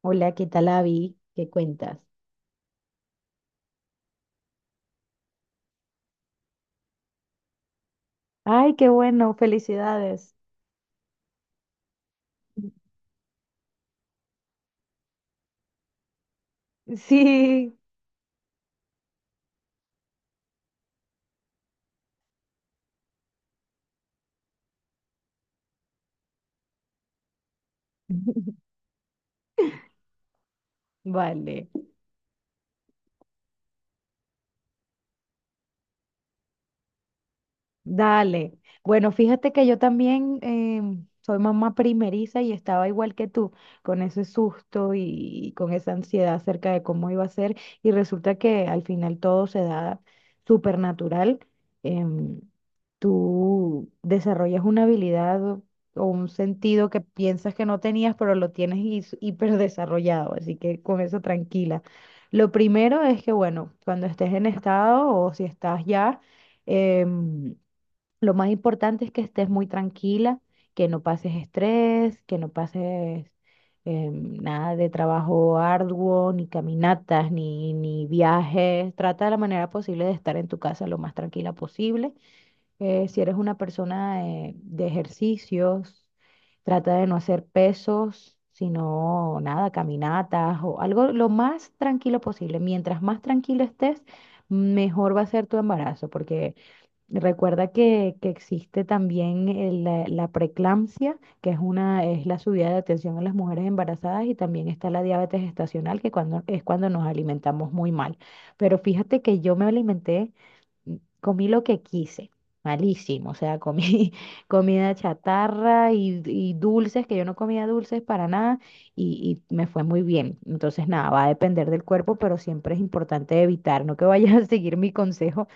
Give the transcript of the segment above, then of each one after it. Hola, ¿qué tal, Avi? ¿Qué cuentas? Ay, qué bueno, felicidades. Sí, Vale. Dale. Bueno, fíjate que yo también soy mamá primeriza y estaba igual que tú, con ese susto y, con esa ansiedad acerca de cómo iba a ser. Y resulta que al final todo se da súper natural. Em, Tú desarrollas una habilidad o un sentido que piensas que no tenías, pero lo tienes hiper desarrollado. Así que con eso tranquila. Lo primero es que, bueno, cuando estés en estado o si estás ya... em, lo más importante es que estés muy tranquila, que no pases estrés, que no pases nada de trabajo arduo, ni caminatas, ni viajes. Trata de la manera posible de estar en tu casa lo más tranquila posible. Si eres una persona de ejercicios, trata de no hacer pesos, sino nada, caminatas o algo lo más tranquilo posible. Mientras más tranquila estés, mejor va a ser tu embarazo. Recuerda que existe también la preeclampsia, que es la subida de atención en las mujeres embarazadas, y también está la diabetes gestacional, es cuando nos alimentamos muy mal. Pero fíjate que yo me alimenté, mm, comí lo que quise, malísimo, o sea, comí comida chatarra y dulces, que yo no comía dulces para nada, y me fue muy bien. Entonces, nada, va a depender del cuerpo, pero siempre es importante evitar, no que vayas a seguir mi consejo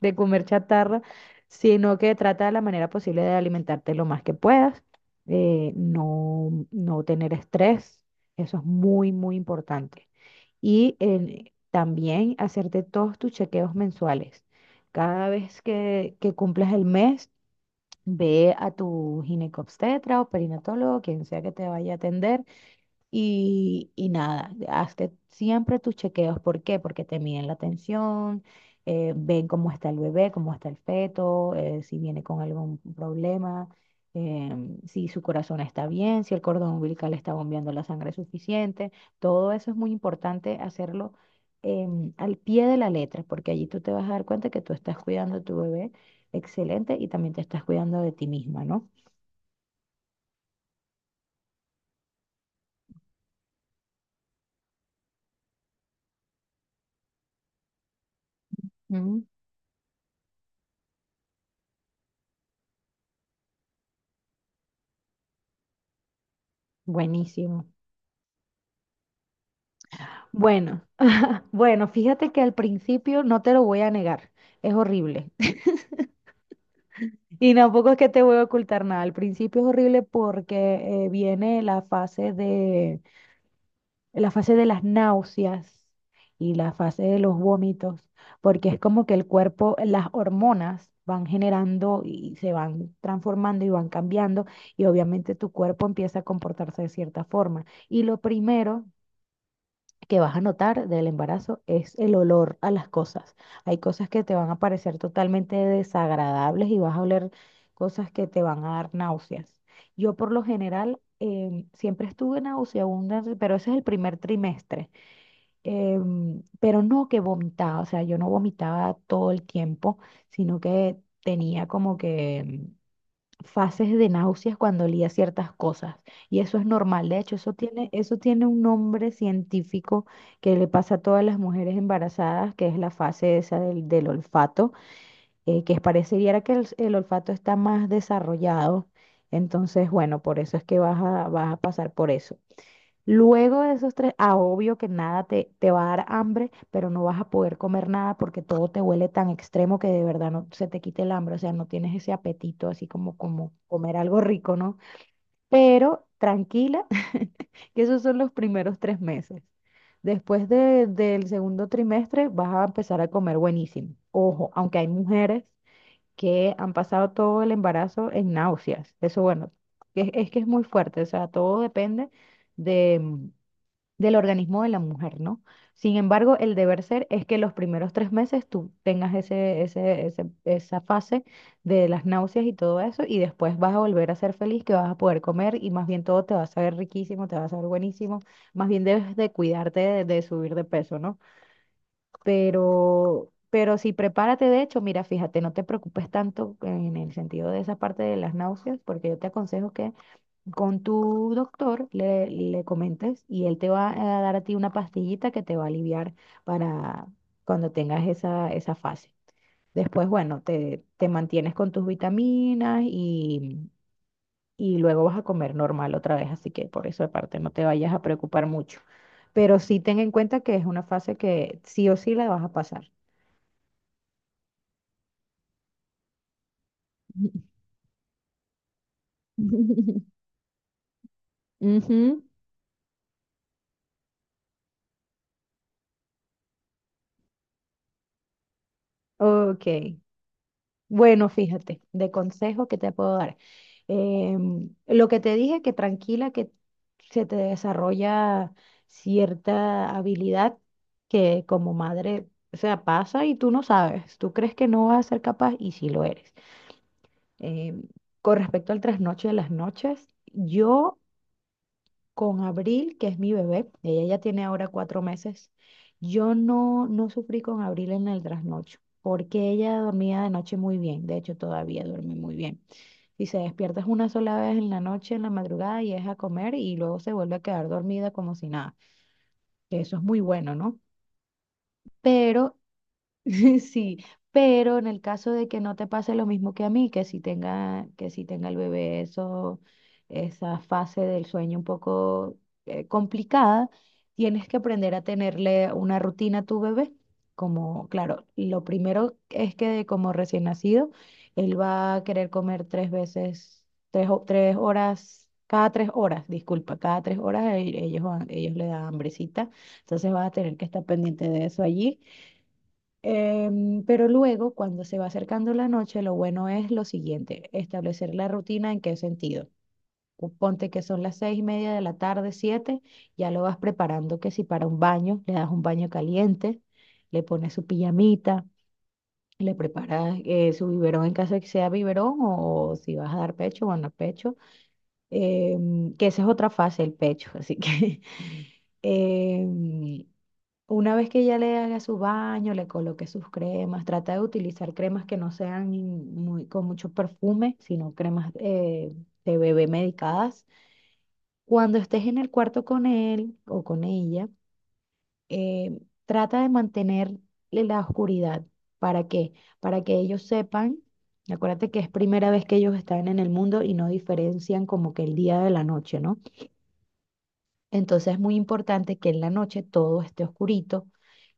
de comer chatarra, sino que trata de la manera posible de alimentarte lo más que puedas, no tener estrés, eso es muy, muy importante. Y también hacerte todos tus chequeos mensuales. Cada vez que cumples el mes, ve a tu ginecobstetra o perinatólogo, quien sea que te vaya a atender y nada, hazte siempre tus chequeos. ¿Por qué? Porque te miden la tensión, ven cómo está el bebé, cómo está el feto, si viene con algún problema, eh, si su corazón está bien, si el cordón umbilical está bombeando la sangre suficiente. Todo eso es muy importante hacerlo al pie de la letra, porque allí tú te vas a dar cuenta que tú estás cuidando a tu bebé excelente y también te estás cuidando de ti misma, ¿no? Mm, buenísimo. Bueno. Bueno, fíjate que al principio no te lo voy a negar, es horrible. Y tampoco es que te voy a ocultar nada. Al principio es horrible porque viene la fase de las náuseas y la fase de los vómitos, porque es como que el cuerpo, las hormonas van generando y se van transformando y van cambiando y obviamente tu cuerpo empieza a comportarse de cierta forma. Y lo primero que vas a notar del embarazo es el olor a las cosas. Hay cosas que te van a parecer totalmente desagradables y vas a oler cosas que te van a dar náuseas. Yo por lo general siempre estuve nauseabunda, pero ese es el primer trimestre. Pero no que vomitaba, o sea, yo no vomitaba todo el tiempo, sino que tenía como que fases de náuseas cuando olía ciertas cosas. Y eso es normal. De hecho, eso tiene un nombre científico que le pasa a todas las mujeres embarazadas, que es la fase esa del olfato, que parecería que el olfato está más desarrollado. Entonces, bueno, por eso es que vas a pasar por eso. Luego de esos tres, obvio que nada te va a dar hambre, pero no vas a poder comer nada porque todo te huele tan extremo que de verdad no se te quite el hambre, o sea, no tienes ese apetito así como comer algo rico, ¿no? Pero tranquila, que esos son los primeros 3 meses. Después del segundo trimestre vas a empezar a comer buenísimo. Ojo, aunque hay mujeres que han pasado todo el embarazo en náuseas. Eso, bueno, es que es muy fuerte, o sea, todo depende de del organismo de la mujer, ¿no? Sin embargo, el deber ser es que los primeros 3 meses tú tengas esa fase de las náuseas y todo eso, y después vas a volver a ser feliz, que vas a poder comer y más bien todo te va a saber riquísimo, te va a saber buenísimo, más bien debes de cuidarte de subir de peso, ¿no? Pero sí, prepárate, de hecho, mira, fíjate, no te preocupes tanto en el sentido de esa parte de las náuseas, porque yo te aconsejo que con tu doctor, le comentes y él te va a dar a ti una pastillita que te va a aliviar para cuando tengas esa fase. Después, bueno, te mantienes con tus vitaminas y luego vas a comer normal otra vez, así que por esa parte no te vayas a preocupar mucho. Pero sí ten en cuenta que es una fase que sí o sí la vas a pasar. Ujú. Ok. Bueno, fíjate, de consejo que te puedo dar. Lo que te dije, que tranquila, que se te desarrolla cierta habilidad que como madre, o sea, pasa y tú no sabes, tú crees que no vas a ser capaz y sí lo eres. Em, con respecto al trasnoche de las noches, yo con Abril, que es mi bebé, ella ya tiene ahora 4 meses, yo no sufrí con Abril en el trasnocho, porque ella dormía de noche muy bien, de hecho todavía duerme muy bien. Si se despierta es una sola vez en la noche, en la madrugada, y es a comer y luego se vuelve a quedar dormida como si nada, que eso es muy bueno, ¿no? Pero Sí, pero en el caso de que no te pase lo mismo que a mí, que si tenga el bebé eso, esa fase del sueño un poco complicada, tienes que aprender a tenerle una rutina a tu bebé. Como, claro, lo primero es que como recién nacido, él va a querer comer tres veces, tres horas, cada cada tres horas ellos le dan hambrecita, entonces vas a tener que estar pendiente de eso allí. Pero luego, cuando se va acercando la noche, lo bueno es lo siguiente, establecer la rutina en qué sentido. Tú ponte que son las 6:30 de la tarde, siete, ya lo vas preparando que si para un baño, le das un baño caliente, le pones su pijamita, le preparas su biberón en caso de que sea biberón o, si vas a dar pecho, bueno, pecho, que esa es otra fase, el pecho, así que. em, una vez que ya le haga su baño, le coloque sus cremas, trata de utilizar cremas que no sean con mucho perfume, sino cremas de bebé medicadas. Cuando estés en el cuarto con él o con ella, eh, trata de mantener la oscuridad. ¿Para qué? Para que ellos sepan, acuérdate que es primera vez que ellos están en el mundo y no diferencian como que el día de la noche, ¿no? Entonces es muy importante que en la noche todo esté oscurito,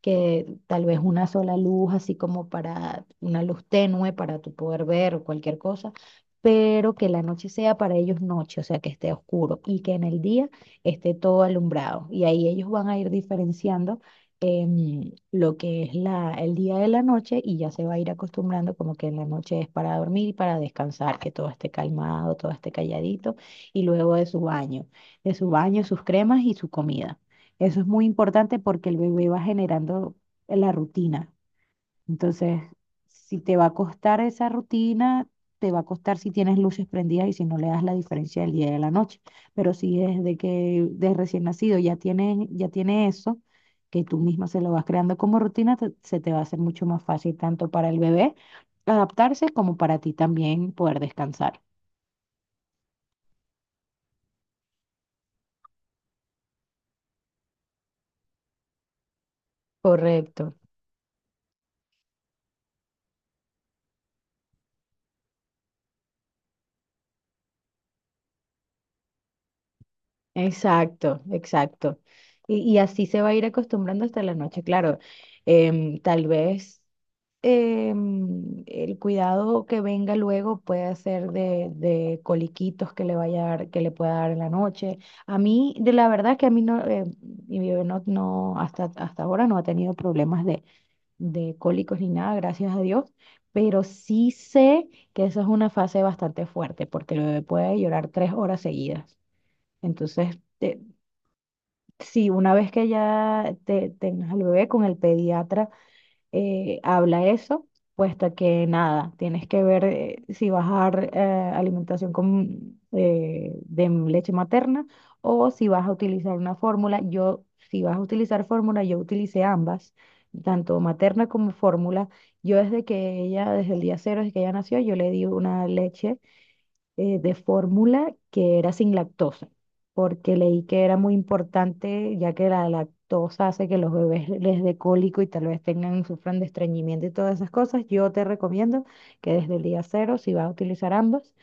que tal vez una sola luz, así como para una luz tenue para tú poder ver o cualquier cosa, pero que la noche sea para ellos noche, o sea, que esté oscuro y que en el día esté todo alumbrado. Y ahí ellos van a ir diferenciando lo que es el día de la noche y ya se va a ir acostumbrando como que en la noche es para dormir y para descansar, que todo esté calmado, todo esté calladito y luego de su baño, sus cremas y su comida. Eso es muy importante porque el bebé va generando la rutina. Entonces, si te va a costar esa rutina, te va a costar si tienes luces prendidas y si no le das la diferencia del día y de la noche. Pero si desde que de recién nacido ya tiene eso, que tú misma se lo vas creando como rutina, se te va a hacer mucho más fácil tanto para el bebé adaptarse como para ti también poder descansar. Correcto. Exacto, exacto. Y así se va a ir acostumbrando hasta la noche, claro. Tal vez el cuidado que venga luego puede ser de coliquitos que le vaya a dar, que le pueda dar en la noche. A mí, de la verdad que a mí no, mi bebé no hasta ahora no ha tenido problemas de cólicos ni nada, gracias a Dios. Pero sí sé que eso es una fase bastante fuerte, porque el bebé puede llorar 3 horas seguidas. Entonces, sí, una vez que ya tengas al bebé con el pediatra, habla eso, puesto que nada, tienes que ver si vas a dar alimentación de leche materna o si vas a utilizar una fórmula. Yo, si vas a utilizar fórmula, yo utilicé ambas, tanto materna como fórmula. Yo desde que ella, Desde el día cero, desde que ella nació, yo le di una leche de fórmula que era sin lactosa, porque leí que era muy importante, ya que la lactosa hace que los bebés les dé cólico y tal vez sufran de estreñimiento y todas esas cosas. Yo te recomiendo que desde el día cero, si vas a utilizar ambas,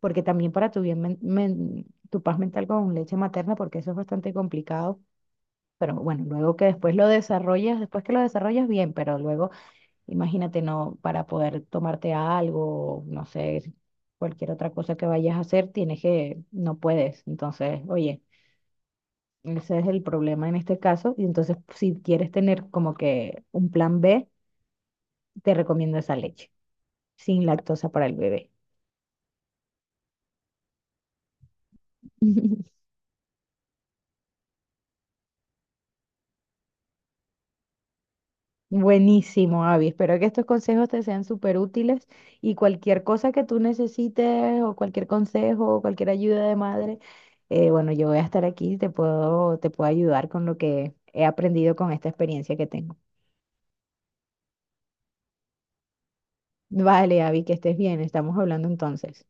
porque también para tu bien, tu paz mental con leche materna, porque eso es bastante complicado. Pero bueno, luego que después lo desarrollas, después que lo desarrollas bien, pero luego. Imagínate, no, para poder tomarte algo, no sé, si cualquier otra cosa que vayas a hacer, no puedes. Entonces, oye, ese es el problema en este caso. Y entonces, si quieres tener como que un plan B, te recomiendo esa leche, sin lactosa para el bebé. Buenísimo, Avi. Espero que estos consejos te sean súper útiles y cualquier cosa que tú necesites o cualquier consejo o cualquier ayuda de madre, bueno, yo voy a estar aquí te puedo ayudar con lo que he aprendido con esta experiencia que tengo. Vale, Avi, que estés bien. Estamos hablando entonces.